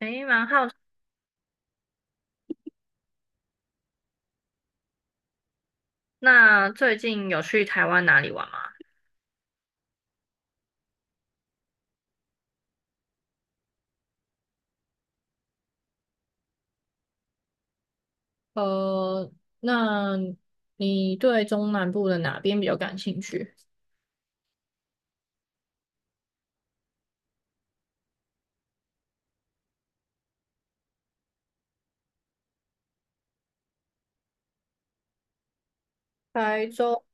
诶，蛮好奇那最近有去台湾哪里玩吗？呃，那你对中南部的哪边比较感兴趣？台中，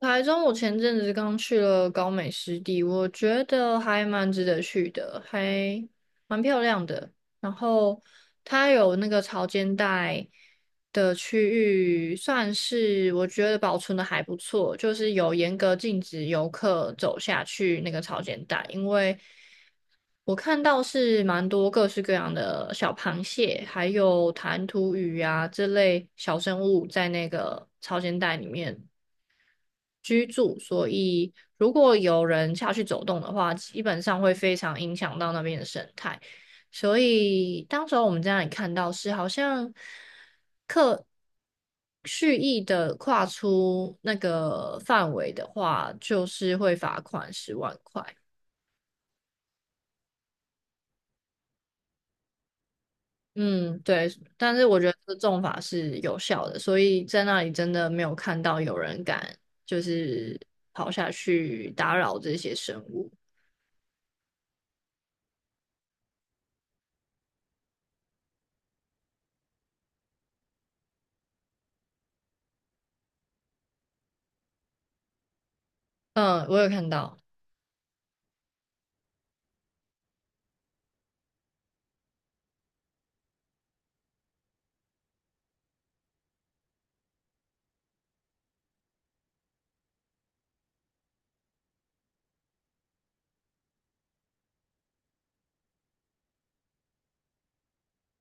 台中我前阵子刚去了高美湿地，我觉得还蛮值得去的，还蛮漂亮的。然后它有那个潮间带的区域，算是我觉得保存的还不错，就是有严格禁止游客走下去那个潮间带，因为我看到是蛮多各式各样的小螃蟹，还有弹涂鱼啊这类小生物在那个潮间带里面居住，所以如果有人下去走动的话，基本上会非常影响到那边的生态。所以当时候我们在那里看到是好像刻蓄意的跨出那个范围的话，就是会罚款10万块。嗯，对，但是我觉得这个重罚是有效的，所以在那里真的没有看到有人敢就是跑下去打扰这些生物。嗯，我有看到。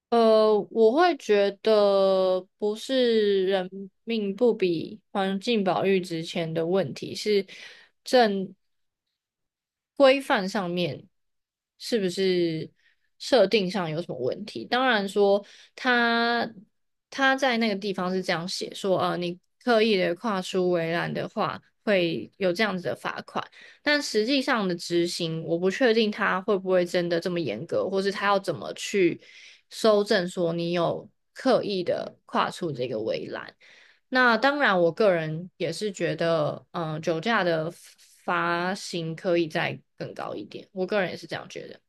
我会觉得不是人命不比环境保育值钱的问题，是正。规范上面是不是设定上有什么问题？当然说他他在那个地方是这样写说，你刻意的跨出围栏的话，会有这样子的罚款。但实际上的执行，我不确定他会不会真的这么严格，或是他要怎么去搜证说你有刻意的跨出这个围栏。那当然，我个人也是觉得，嗯、酒驾的罚型可以再更高一点，我个人也是这样觉得。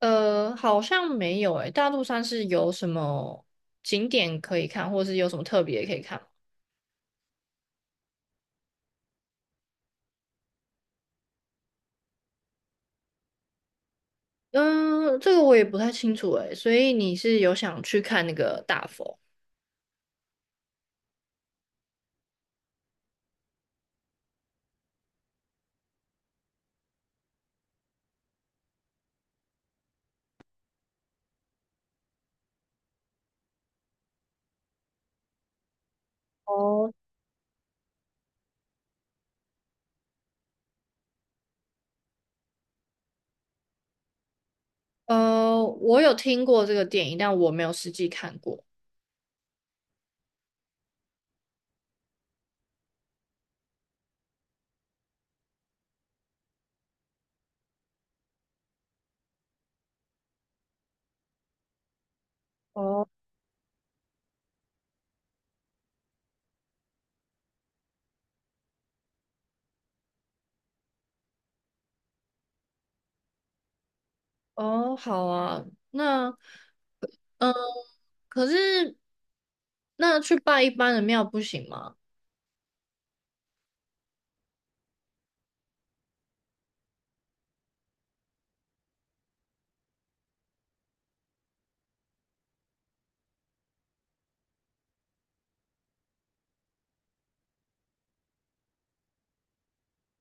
好像没有诶、大肚山是有什么景点可以看，或是有什么特别可以看吗？嗯、这个我也不太清楚诶、所以你是有想去看那个大佛？哦我有听过这个电影，但我没有实际看过。哦，哦，好啊，那。嗯，可是那去拜一般的庙不行吗？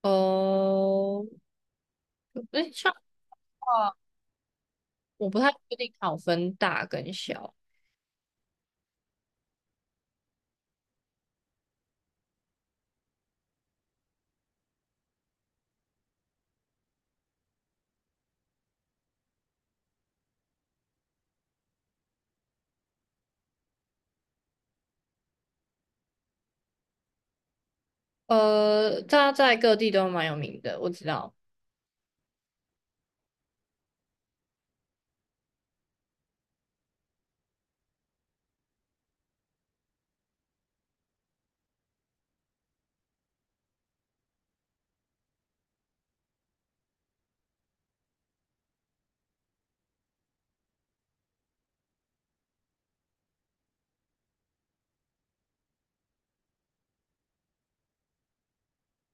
哦，哎，我不太确定它有分大跟小。它在各地都蛮有名的，我知道。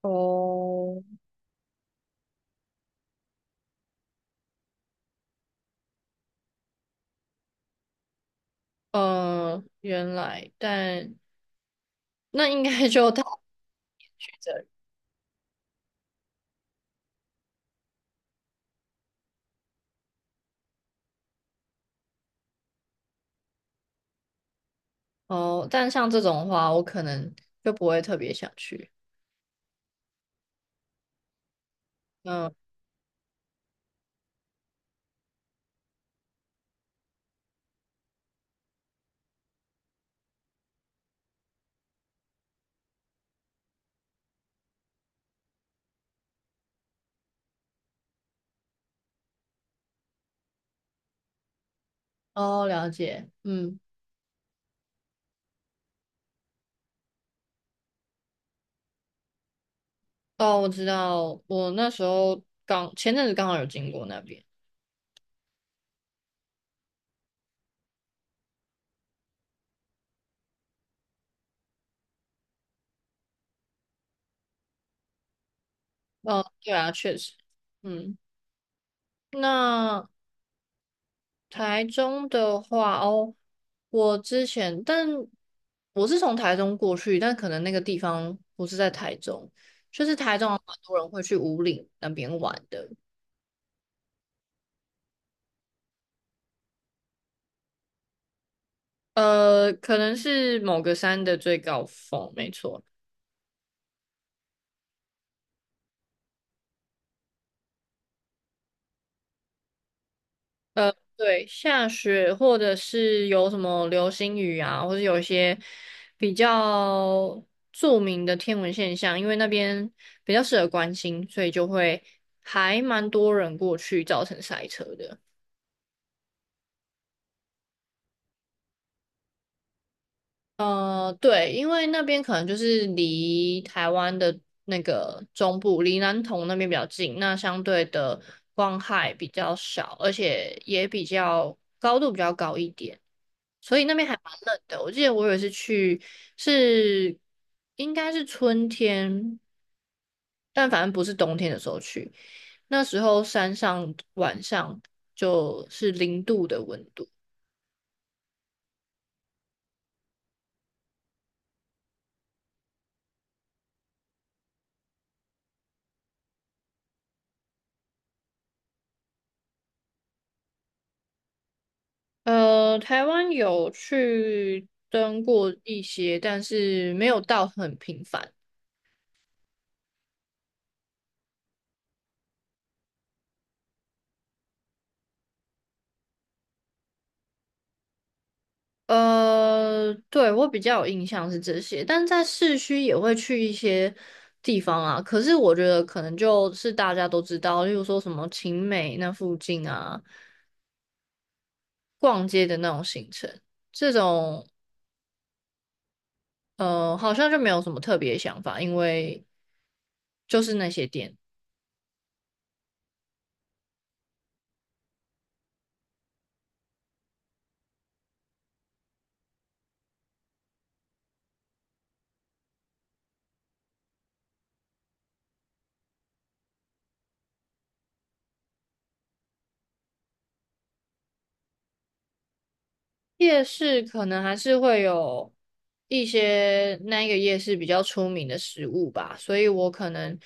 哦，原来，但那应该 就这着哦。但像这种话，我可能就不会特别想去。嗯，哦，了解，嗯，哦，我知道，我那时候前阵子刚好有经过那边。哦，对啊，确实，嗯，那台中的话，哦，我之前，但我是从台中过去，但可能那个地方不是在台中，就是台中有蛮多人会去五岭那边玩的，可能是某个山的最高峰，没错。对，下雪或者是有什么流星雨啊，或者有一些比较著名的天文现象，因为那边比较适合观星，所以就会还蛮多人过去，造成塞车的。对，因为那边可能就是离台湾的那个中部，离南投那边比较近，那相对的光害比较少，而且也比较高度比较高一点。所以那边还蛮冷的。我记得我有一次去是应该是春天，但反正不是冬天的时候去。那时候山上晚上就是零度的温度。台湾有去登过一些，但是没有到很频繁。对，我比较有印象是这些，但在市区也会去一些地方啊。可是我觉得可能就是大家都知道，例如说什么晴美那附近啊，逛街的那种行程，这种好像就没有什么特别想法，因为就是那些店。夜市可能还是会有一些那一个夜市比较出名的食物吧，所以我可能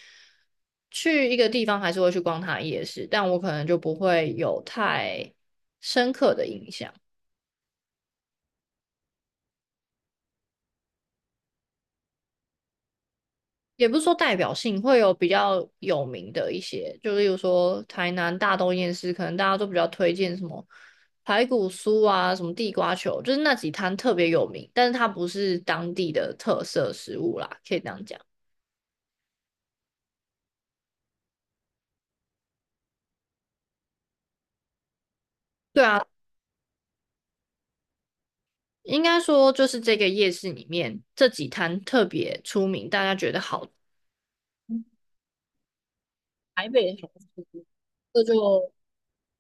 去一个地方还是会去逛它的夜市，但我可能就不会有太深刻的印象，也不是说代表性，会有比较有名的一些，就例如说台南大东夜市，可能大家都比较推荐什么排骨酥啊，什么地瓜球，就是那几摊特别有名，但是它不是当地的特色食物啦，可以这样讲。对啊，应该说，就是这个夜市里面这几摊特别出名，大家觉得好，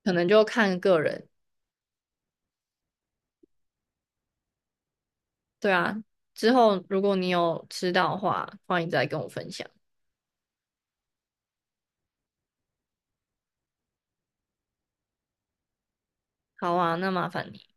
可能就看个人。对啊，之后如果你有吃到的话，欢迎再跟我分享。好啊，那麻烦。你。